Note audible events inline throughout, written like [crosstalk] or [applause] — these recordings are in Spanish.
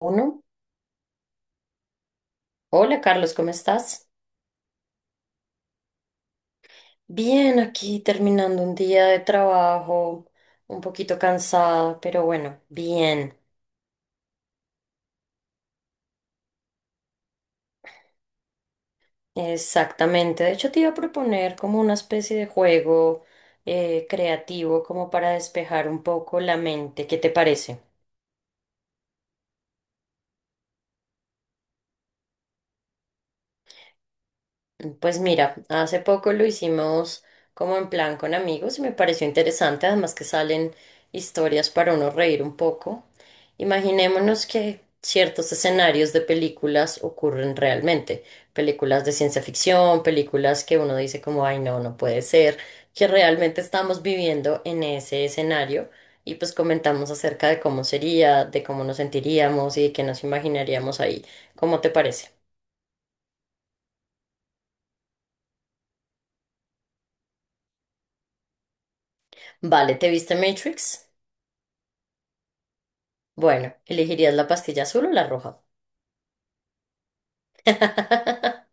Uno. Hola Carlos, ¿cómo estás? Bien, aquí terminando un día de trabajo, un poquito cansada, pero bueno, bien, exactamente. De hecho, te iba a proponer como una especie de juego creativo como para despejar un poco la mente. ¿Qué te parece? Pues mira, hace poco lo hicimos como en plan con amigos y me pareció interesante, además que salen historias para uno reír un poco. Imaginémonos que ciertos escenarios de películas ocurren realmente, películas de ciencia ficción, películas que uno dice como, ay, no, no puede ser, que realmente estamos viviendo en ese escenario y pues comentamos acerca de cómo sería, de cómo nos sentiríamos y de qué nos imaginaríamos ahí. ¿Cómo te parece? Vale, ¿te viste Matrix? Bueno, ¿elegirías la pastilla azul o la roja? [laughs]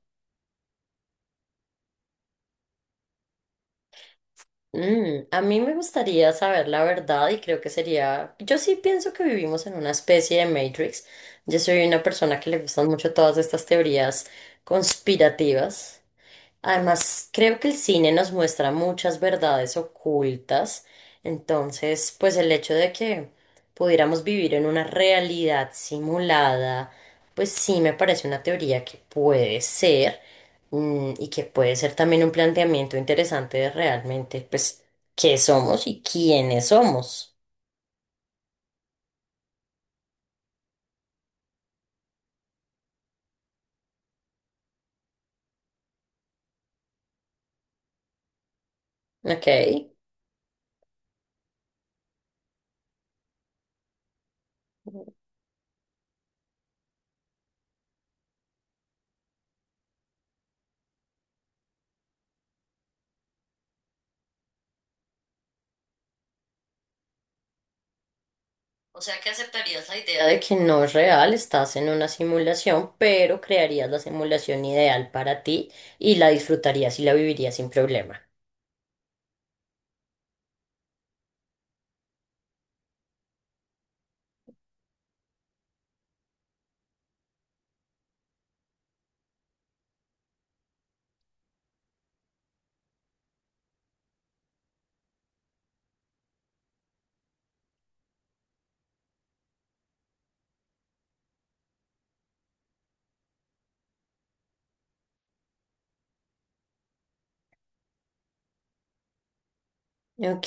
Mm, a mí me gustaría saber la verdad y creo que sería, yo sí pienso que vivimos en una especie de Matrix. Yo soy una persona que le gustan mucho todas estas teorías conspirativas. Además, creo que el cine nos muestra muchas verdades ocultas, entonces, pues el hecho de que pudiéramos vivir en una realidad simulada, pues sí me parece una teoría que puede ser y que puede ser también un planteamiento interesante de realmente, pues, qué somos y quiénes somos. ¿Ok? O sea que aceptarías la idea de que no es real, estás en una simulación, pero crearías la simulación ideal para ti y la disfrutarías y la vivirías sin problema. Ok,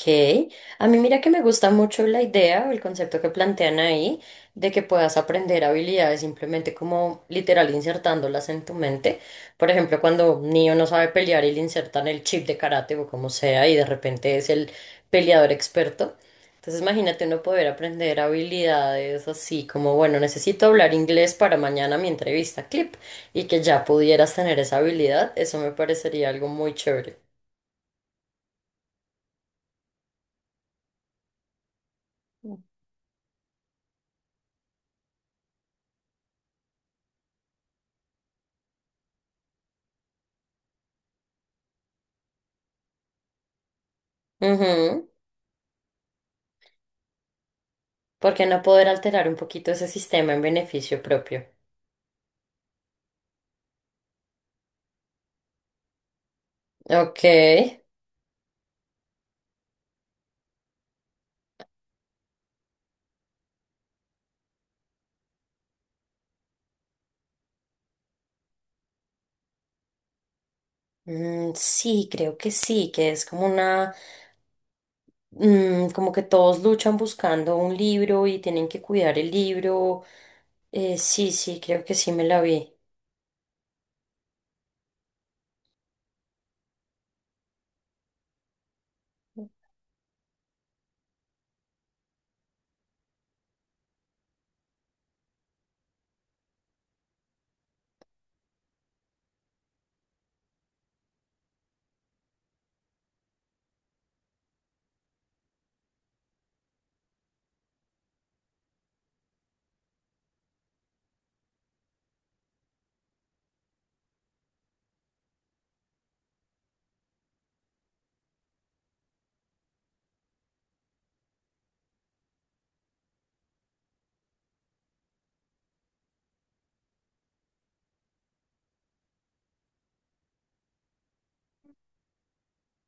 a mí mira que me gusta mucho la idea o el concepto que plantean ahí de que puedas aprender habilidades simplemente como literal insertándolas en tu mente. Por ejemplo, cuando un niño no sabe pelear y le insertan el chip de karate o como sea y de repente es el peleador experto. Entonces imagínate uno poder aprender habilidades así como, bueno, necesito hablar inglés para mañana mi entrevista clip y que ya pudieras tener esa habilidad, eso me parecería algo muy chévere. Ujú. ¿Porque no poder alterar un poquito ese sistema en beneficio propio? Ok. Mm, sí, creo que sí, que es como una, como que todos luchan buscando un libro y tienen que cuidar el libro. Sí, sí, creo que sí me la vi.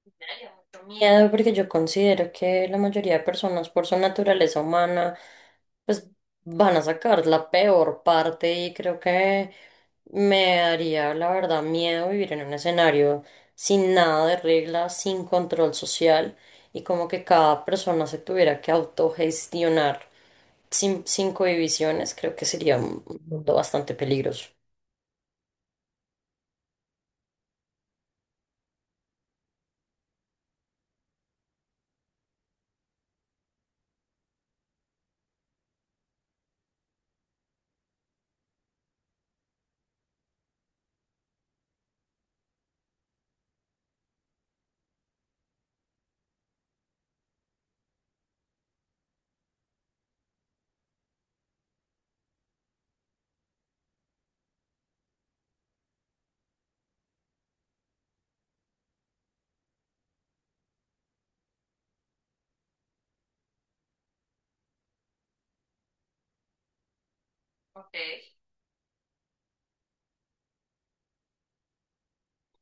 Me daría mucho miedo porque yo considero que la mayoría de personas por su naturaleza humana pues van a sacar la peor parte y creo que me daría la verdad miedo vivir en un escenario sin nada de reglas, sin control social y como que cada persona se tuviera que autogestionar sin cohibiciones, creo que sería un mundo bastante peligroso. Ok.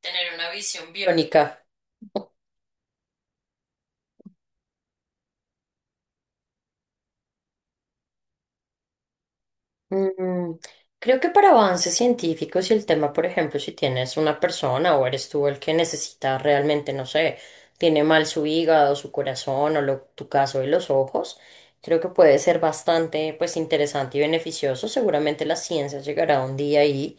Tener una visión biónica. Mm, creo que para avances científicos y el tema, por ejemplo, si tienes una persona o eres tú el que necesita realmente, no sé, tiene mal su hígado, su corazón o lo, tu caso de los ojos, creo que puede ser bastante, pues, interesante y beneficioso. Seguramente la ciencia llegará un día ahí.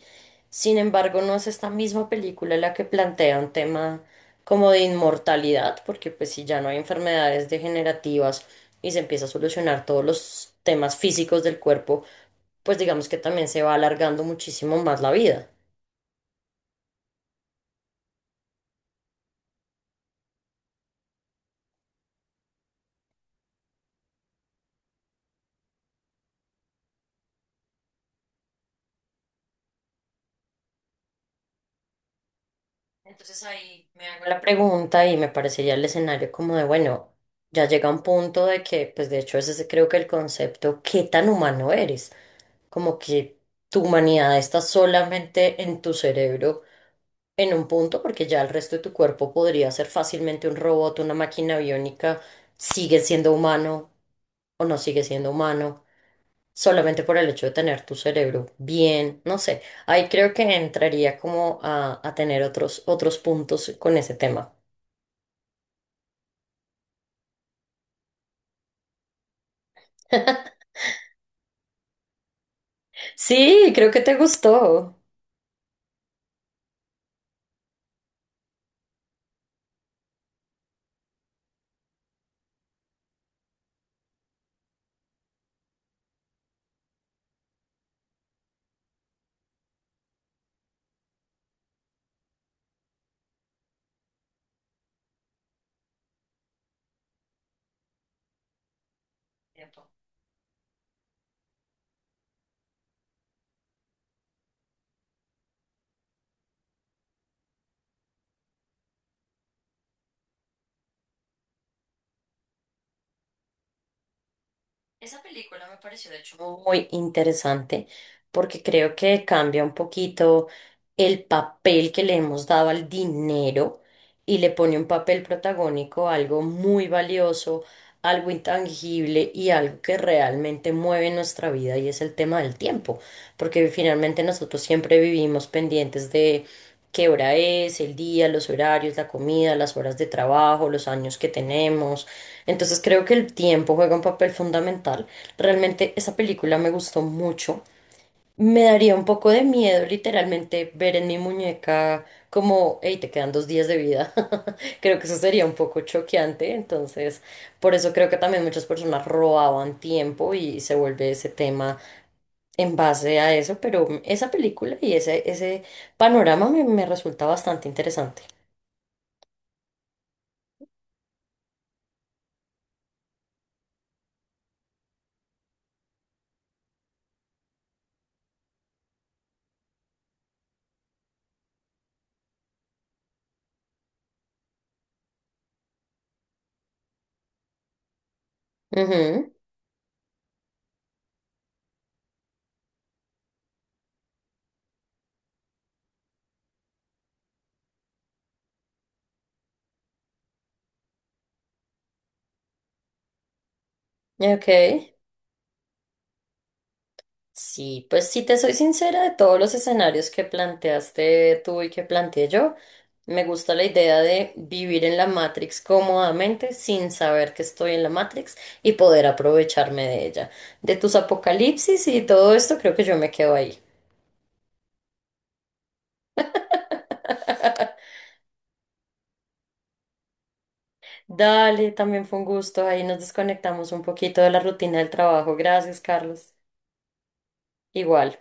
Sin embargo, no es esta misma película la que plantea un tema como de inmortalidad, porque pues si ya no hay enfermedades degenerativas y se empieza a solucionar todos los temas físicos del cuerpo, pues digamos que también se va alargando muchísimo más la vida. Entonces ahí me hago la pregunta y me parecería el escenario como de, bueno, ya llega un punto de que, pues de hecho ese es creo que el concepto, ¿qué tan humano eres? Como que tu humanidad está solamente en tu cerebro en un punto, porque ya el resto de tu cuerpo podría ser fácilmente un robot, una máquina biónica, sigue siendo humano o no sigue siendo humano, solamente por el hecho de tener tu cerebro bien, no sé, ahí creo que entraría como a tener otros puntos con ese tema. Sí, creo que te gustó. Esa película me pareció de hecho muy interesante porque creo que cambia un poquito el papel que le hemos dado al dinero y le pone un papel protagónico, algo muy valioso, algo intangible y algo que realmente mueve nuestra vida y es el tema del tiempo, porque finalmente nosotros siempre vivimos pendientes de qué hora es, el día, los horarios, la comida, las horas de trabajo, los años que tenemos. Entonces creo que el tiempo juega un papel fundamental. Realmente esa película me gustó mucho. Me daría un poco de miedo literalmente ver en mi muñeca como, hey, te quedan 2 días de vida. [laughs] Creo que eso sería un poco choqueante. Entonces, por eso creo que también muchas personas robaban tiempo y se vuelve ese tema en base a eso. Pero esa película y ese panorama me resulta bastante interesante. Ujú. Ok. Sí, pues si te soy sincera, de todos los escenarios que planteaste tú y que planteé yo, me gusta la idea de vivir en la Matrix cómodamente sin saber que estoy en la Matrix y poder aprovecharme de ella. De tus apocalipsis y todo esto, creo que yo me quedo ahí. Dale, también fue un gusto. Ahí nos desconectamos un poquito de la rutina del trabajo. Gracias, Carlos. Igual.